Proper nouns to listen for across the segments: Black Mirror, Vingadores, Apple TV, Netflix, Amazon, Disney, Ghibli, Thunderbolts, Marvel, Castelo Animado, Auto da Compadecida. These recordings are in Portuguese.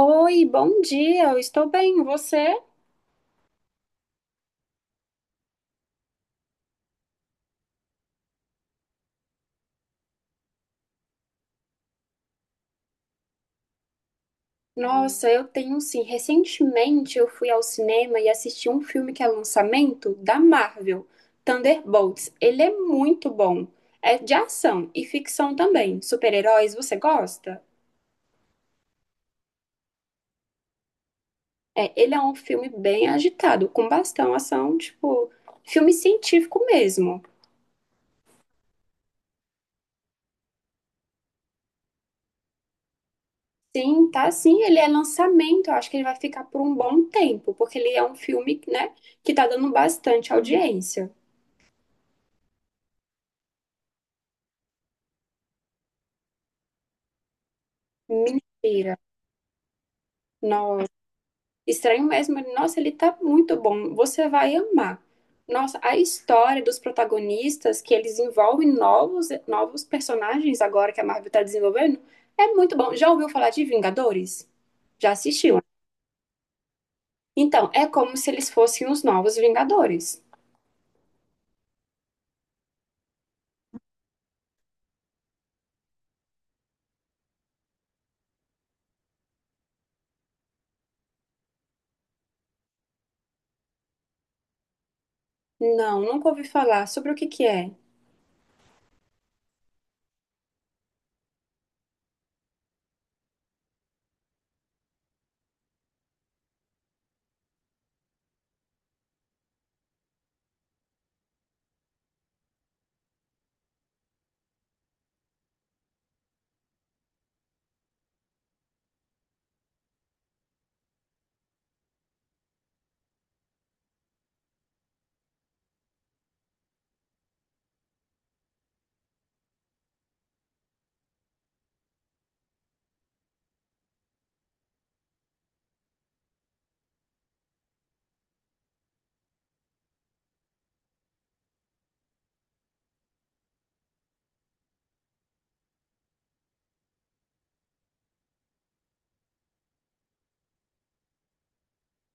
Oi, bom dia, eu estou bem, você? Nossa, eu tenho sim. Recentemente eu fui ao cinema e assisti um filme que é lançamento da Marvel, Thunderbolts. Ele é muito bom. É de ação e ficção também. Super-heróis, você gosta? É, ele é um filme bem agitado, com bastante ação, tipo, filme científico mesmo. Sim, tá sim, ele é lançamento, eu acho que ele vai ficar por um bom tempo, porque ele é um filme, né, que tá dando bastante audiência. Mentira. Nossa, estranho mesmo. Nossa, ele tá muito bom. Você vai amar. Nossa, a história dos protagonistas, que eles envolvem novos personagens agora que a Marvel tá desenvolvendo, é muito bom. Já ouviu falar de Vingadores? Já assistiu? Então, é como se eles fossem os novos Vingadores. Não, nunca ouvi falar. Sobre o que que é?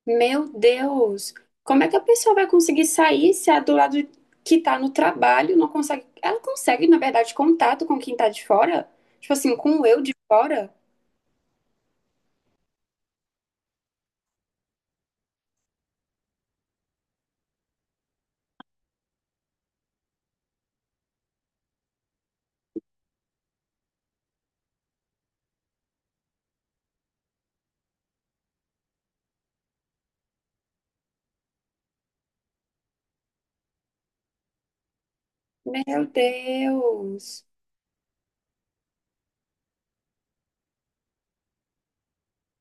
Meu Deus, como é que a pessoa vai conseguir sair se a do lado que tá no trabalho não consegue? Ela consegue, na verdade, contato com quem tá de fora? Tipo assim, com o eu de fora? Meu Deus.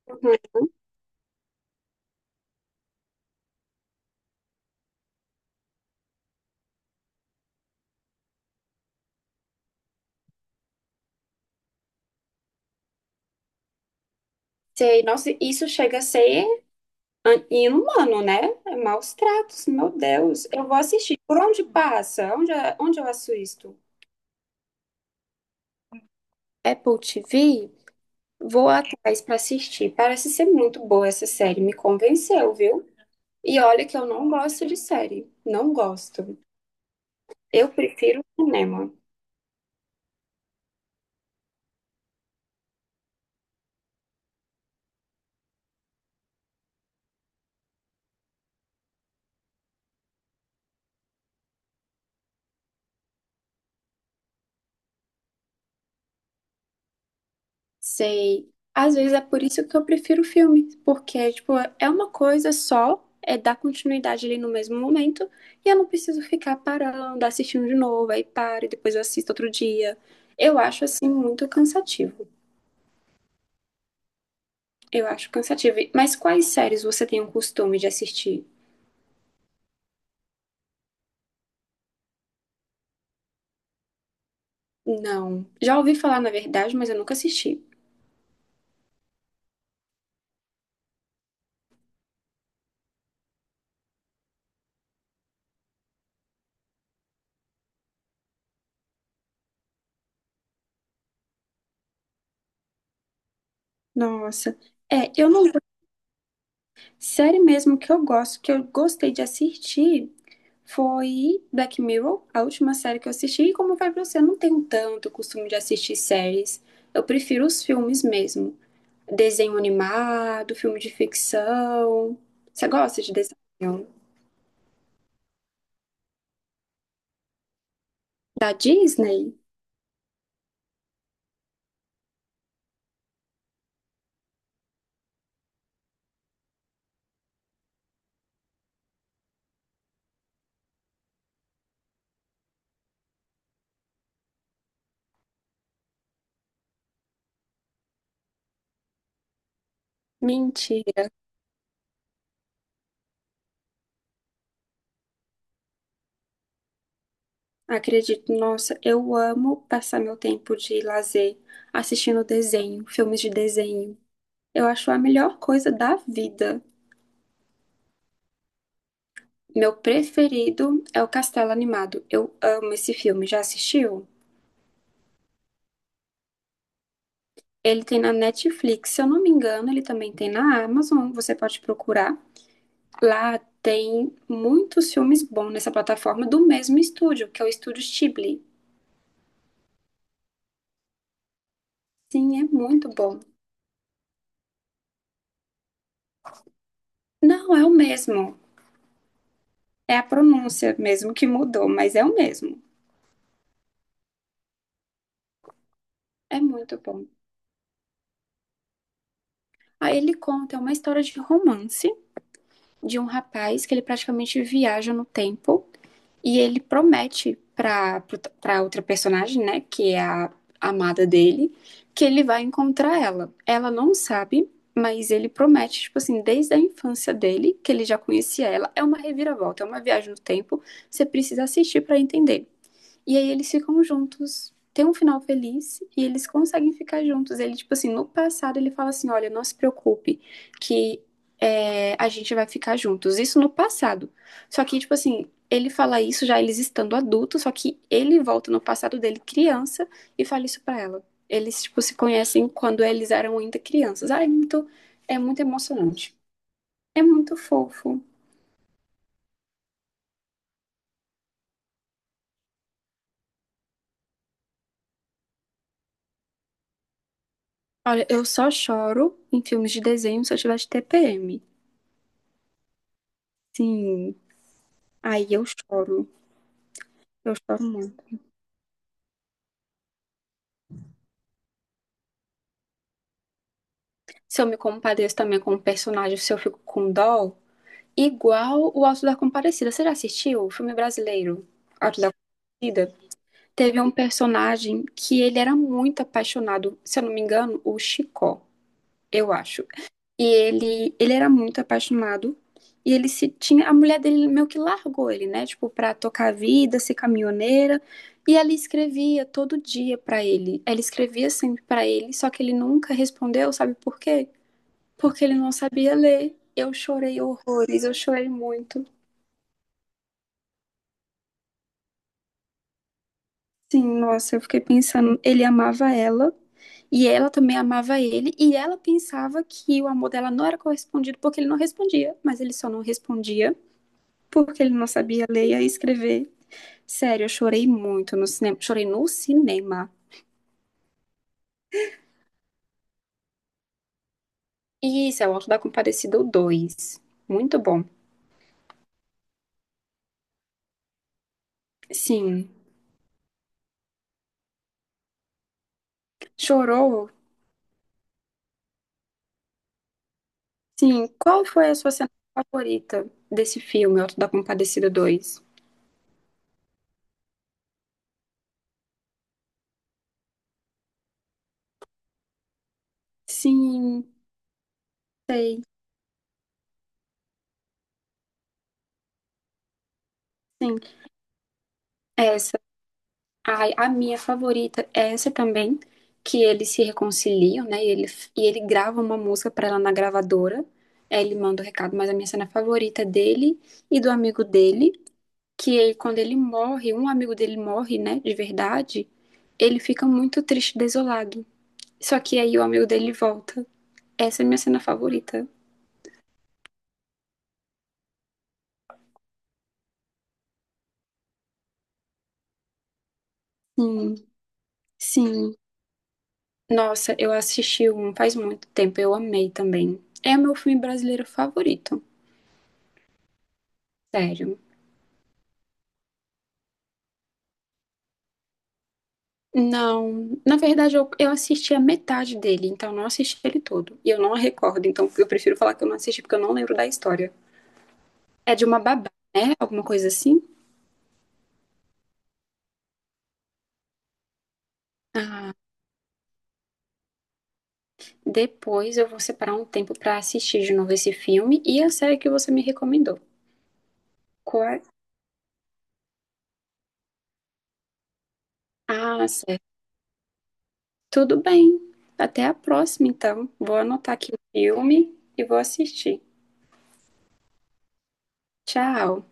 Uhum. Sei, nossa, isso chega a ser inumano, né? É maus tratos, meu Deus. Eu vou assistir. Por onde passa? Onde, é, onde eu assisto isto? Apple TV? Vou atrás pra assistir. Parece ser muito boa essa série, me convenceu, viu? E olha que eu não gosto de série, não gosto. Eu prefiro cinema. Sei. Às vezes é por isso que eu prefiro filme, porque, tipo, é uma coisa só, é dar continuidade ali no mesmo momento, e eu não preciso ficar parando, assistindo de novo, aí paro e depois eu assisto outro dia. Eu acho, assim, muito cansativo. Eu acho cansativo. Mas quais séries você tem o costume de assistir? Não. Já ouvi falar, na verdade, mas eu nunca assisti. Nossa. É, eu não. Série mesmo que eu gosto, que eu gostei de assistir, foi Black Mirror, a última série que eu assisti. E como vai pra você, eu não tenho tanto costume de assistir séries. Eu prefiro os filmes mesmo. Desenho animado, filme de ficção. Você gosta de desenho? Da Disney? Mentira. Acredito, nossa, eu amo passar meu tempo de lazer assistindo desenho, filmes de desenho. Eu acho a melhor coisa da vida. Meu preferido é o Castelo Animado. Eu amo esse filme. Já assistiu? Ele tem na Netflix, se eu não me engano, ele também tem na Amazon. Você pode procurar. Lá tem muitos filmes bons nessa plataforma do mesmo estúdio, que é o estúdio Ghibli. Sim, é muito bom. Não, é o mesmo. É a pronúncia mesmo que mudou, mas é o mesmo. É muito bom. Aí ele conta uma história de romance de um rapaz que ele praticamente viaja no tempo. E ele promete para outra personagem, né, que é a amada dele, que ele vai encontrar ela. Ela não sabe, mas ele promete, tipo assim, desde a infância dele, que ele já conhecia ela. É uma reviravolta, é uma viagem no tempo, você precisa assistir para entender. E aí eles ficam juntos, tem um final feliz e eles conseguem ficar juntos. Ele, tipo assim, no passado ele fala assim: olha, não se preocupe, que é, a gente vai ficar juntos. Isso no passado. Só que, tipo assim, ele fala isso já eles estando adultos, só que ele volta no passado dele criança e fala isso pra ela. Eles, tipo, se conhecem quando eles eram ainda crianças. Ah, é muito emocionante. É muito fofo. Olha, eu só choro em filmes de desenho se eu tiver de TPM. Sim. Aí eu choro muito. Se eu me compadeço também com o personagem, se eu fico com dó, igual o Auto da Compadecida. Você já assistiu o filme brasileiro, Auto da Compadecida? Teve um personagem que ele era muito apaixonado, se eu não me engano, o Chicó, eu acho. E ele era muito apaixonado. E ele se tinha. A mulher dele meio que largou ele, né? Tipo, pra tocar a vida, ser caminhoneira. E ela escrevia todo dia pra ele. Ela escrevia sempre pra ele, só que ele nunca respondeu, sabe por quê? Porque ele não sabia ler. Eu chorei horrores, eu chorei muito. Sim, nossa, eu fiquei pensando. Ele amava ela. E ela também amava ele, e ela pensava que o amor dela não era correspondido porque ele não respondia, mas ele só não respondia porque ele não sabia ler e escrever. Sério, eu chorei muito no cinema. Chorei no cinema. Isso, é o Auto da Compadecida dois. Muito bom. Sim. Chorou? Sim. Qual foi a sua cena favorita desse filme, Auto da Compadecida 2? Sim, sei, sim. Essa. Ai, a minha favorita é essa também, que eles se reconciliam, né? E ele grava uma música pra ela na gravadora. Aí ele manda o recado, mas a minha cena favorita é dele e do amigo dele que ele, quando ele morre, um amigo dele morre, né, de verdade, ele fica muito triste, desolado. Só que aí o amigo dele volta. Essa é a minha cena favorita. Sim, sim. Nossa, eu assisti um faz muito tempo, eu amei também. É o meu filme brasileiro favorito, sério. Não, na verdade eu assisti a metade dele, então não assisti ele todo. E eu não recordo, então eu prefiro falar que eu não assisti porque eu não lembro da história. É de uma babá, né? Alguma coisa assim? Ah, depois eu vou separar um tempo para assistir de novo esse filme e a série que você me recomendou. Qual é? Ah, certo. Tudo bem. Até a próxima, então. Vou anotar aqui o filme e vou assistir. Tchau.